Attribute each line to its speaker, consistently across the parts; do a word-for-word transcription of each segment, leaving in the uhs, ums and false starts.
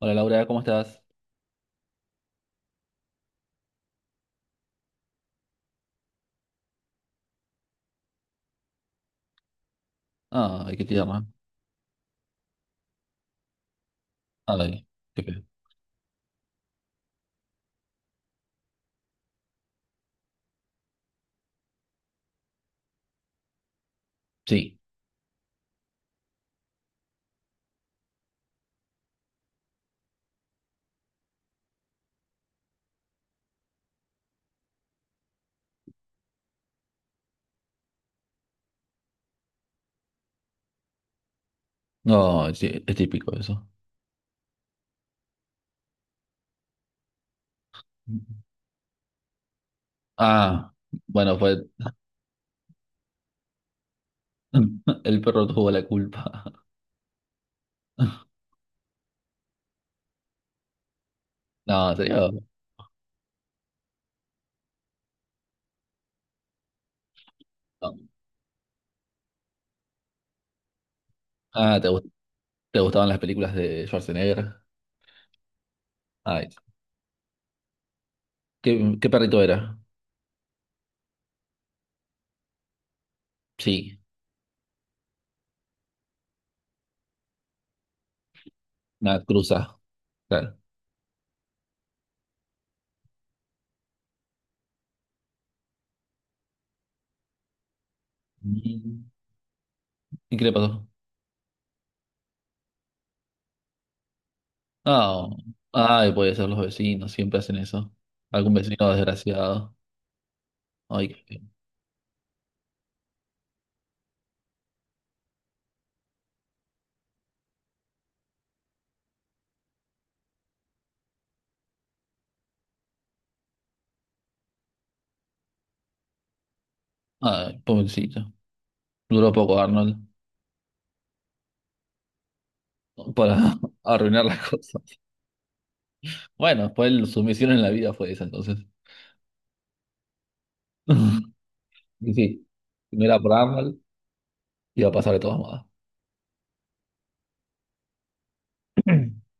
Speaker 1: Hola Laura, ¿cómo estás? Ay, ¿qué te llama? Ay, qué pe- sí, no, sí, es típico eso. Ah, bueno, fue el perro tuvo la culpa. No, ¿en serio? No. Ah, ¿te, gust- te gustaban las películas de Schwarzenegger? Ay, ¿qué, qué perrito era? Sí, una cruza. Claro. Mm. ¿Y qué le pasó? Ah, ay, puede ser los vecinos, siempre hacen eso. Algún vecino desgraciado. Ay, qué feo. Ay, pobrecito. Duró poco Arnold para arruinar las cosas. Bueno, fue el- su misión en la vida fue esa entonces. Y sí, si no era por Arnold, iba a pasar de todas modas.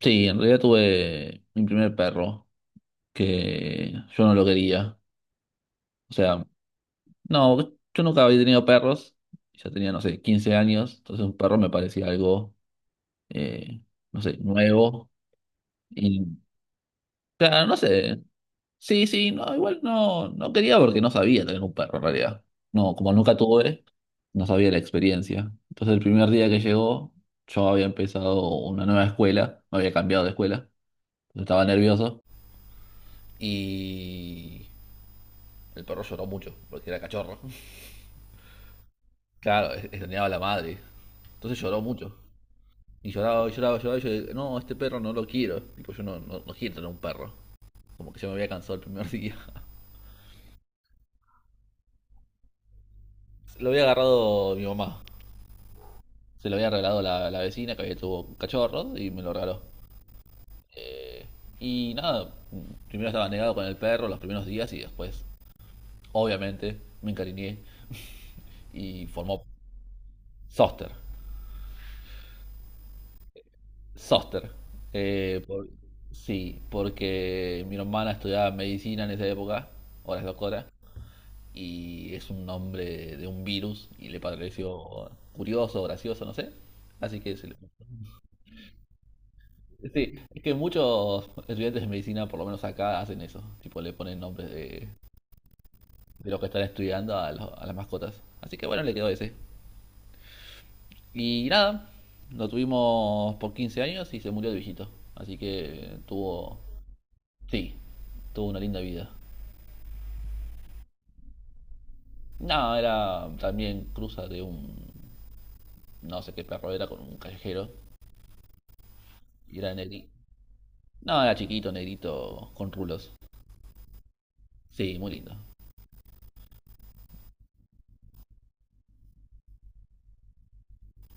Speaker 1: Sí, en realidad tuve mi primer perro, que yo no lo quería. O sea, no, yo nunca había tenido perros. Ya tenía, no sé, quince años. Entonces un perro me parecía algo, eh, no sé, nuevo. Y, claro, no sé. Sí, sí, no, igual no, no quería porque no sabía tener un perro en realidad. No, como nunca tuve, no sabía la experiencia. Entonces el primer día que llegó, yo había empezado una nueva escuela, me había cambiado de escuela, estaba nervioso y el perro lloró mucho porque era cachorro. Claro, es- extrañaba a la madre, entonces lloró mucho. Y lloraba, y lloraba, lloraba, y yo dije, no, este perro no lo quiero. Tipo, yo no, no, no quiero tener un perro. Como que yo me había cansado el primer día. Lo había agarrado mi mamá. Se lo había regalado la, la vecina que había tuvo cachorros y me lo regaló. Y nada, primero estaba negado con el perro los primeros días y después, obviamente, me encariñé y formó Soster. Soster. Eh, por- sí, porque mi hermana estudiaba medicina en esa época, ahora es doctora, y es un nombre de un virus y le pareció curioso, gracioso, no sé. Así que se le- sí, es que muchos estudiantes de medicina, por lo menos acá, hacen eso. Tipo, le ponen nombres de, de los que están estudiando a, los- a las mascotas. Así que bueno, le quedó ese. Y nada, lo tuvimos por quince años y se murió de viejito. Así que tuvo, sí, tuvo una linda vida. No, era también cruza de un, no sé qué perro era, con un callejero. Y era negrito. No, era chiquito, negrito, con rulos. Sí, muy lindo.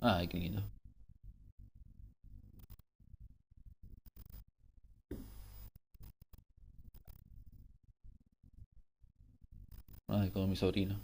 Speaker 1: Ay, qué lindo. Ay, como mi sobrino.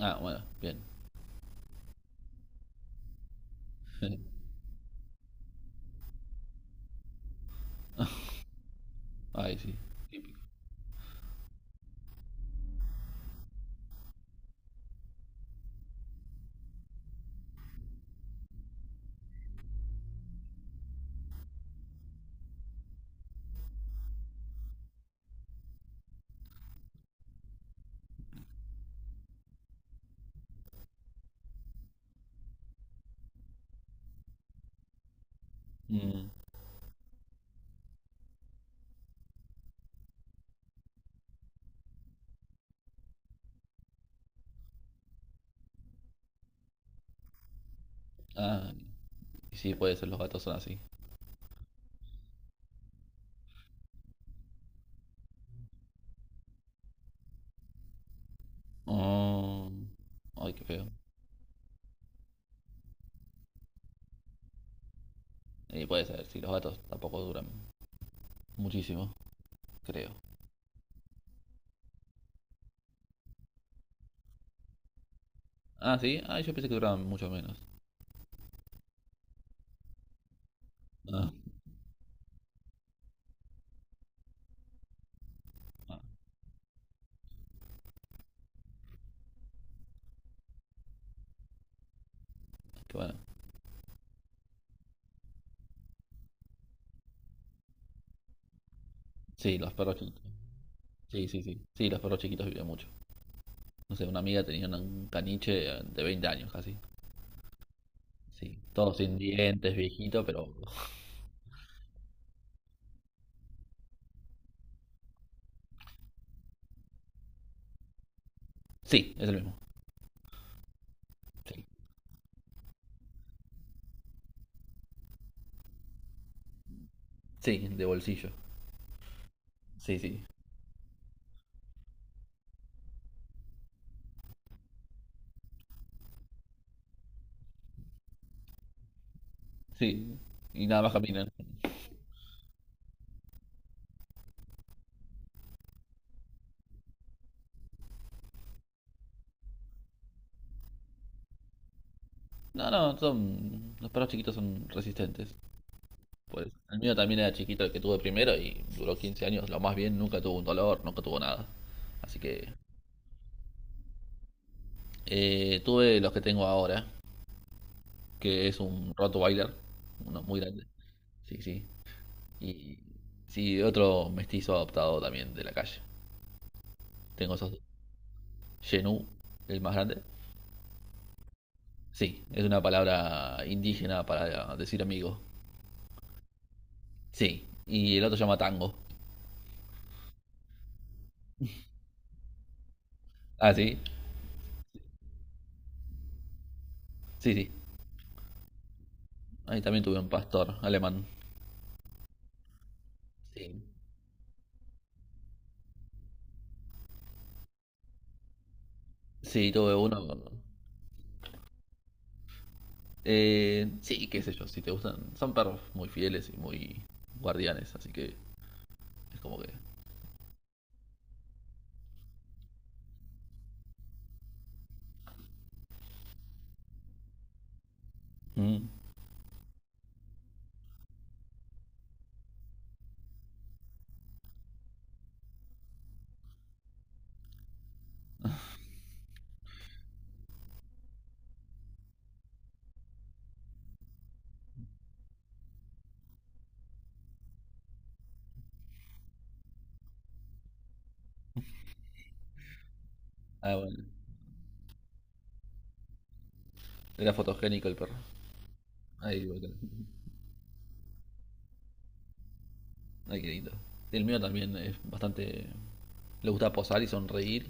Speaker 1: Ah, bueno, bien. Ay, sí. Mm, ah, sí, puede ser, los gatos son así. Oh, ay, qué feo. Eh, puede ser, sí, los gatos tampoco duran muchísimo, creo. Ah, sí, ah, yo pensé que duraban mucho menos. Ah, ah, qué bueno. Sí, los perros chiquitos. Sí, sí, sí. Sí, los perros chiquitos viven mucho. No sé, una amiga tenía una- un caniche de veinte años casi. Sí, todo sin dientes, viejito, pero... Sí, es el mismo. Sí, sí, de bolsillo. Sí, sí, sí. Y nada más caminan. No, no, son... Los perros chiquitos son resistentes. Pues el mío también era chiquito, el que tuve primero, y duró quince años, lo más bien, nunca tuvo un dolor, nunca tuvo nada. Así que eh, tuve los que tengo ahora, que es un Rottweiler, uno muy grande, sí, sí. Y sí, otro mestizo adoptado también de la calle. Tengo esos dos. Genu, el más grande. Sí, es una palabra indígena para decir amigo. Sí, y el otro se llama Tango. Ah, sí, sí, sí. Ahí también tuve un pastor alemán. Sí, sí, tuve uno. Eh, sí, qué sé yo, si te gustan. Son perros muy fieles y muy guardianes, así que es como que. Mm. Ah, bueno. Era fotogénico el perro. Ay, boludo. Ay, qué lindo. El mío también es bastante. Le gusta posar y sonreír.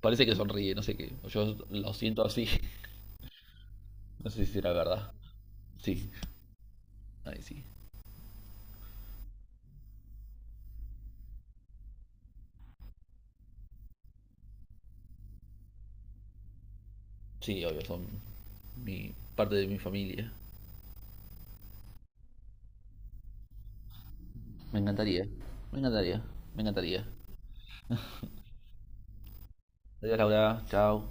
Speaker 1: Parece que sonríe, no sé qué. O yo lo siento así. No sé si será verdad. Sí, ay, sí. Sí, obvio, son mi... parte de mi familia. Me encantaría. Me encantaría. Me encantaría. Adiós, Laura. Chao.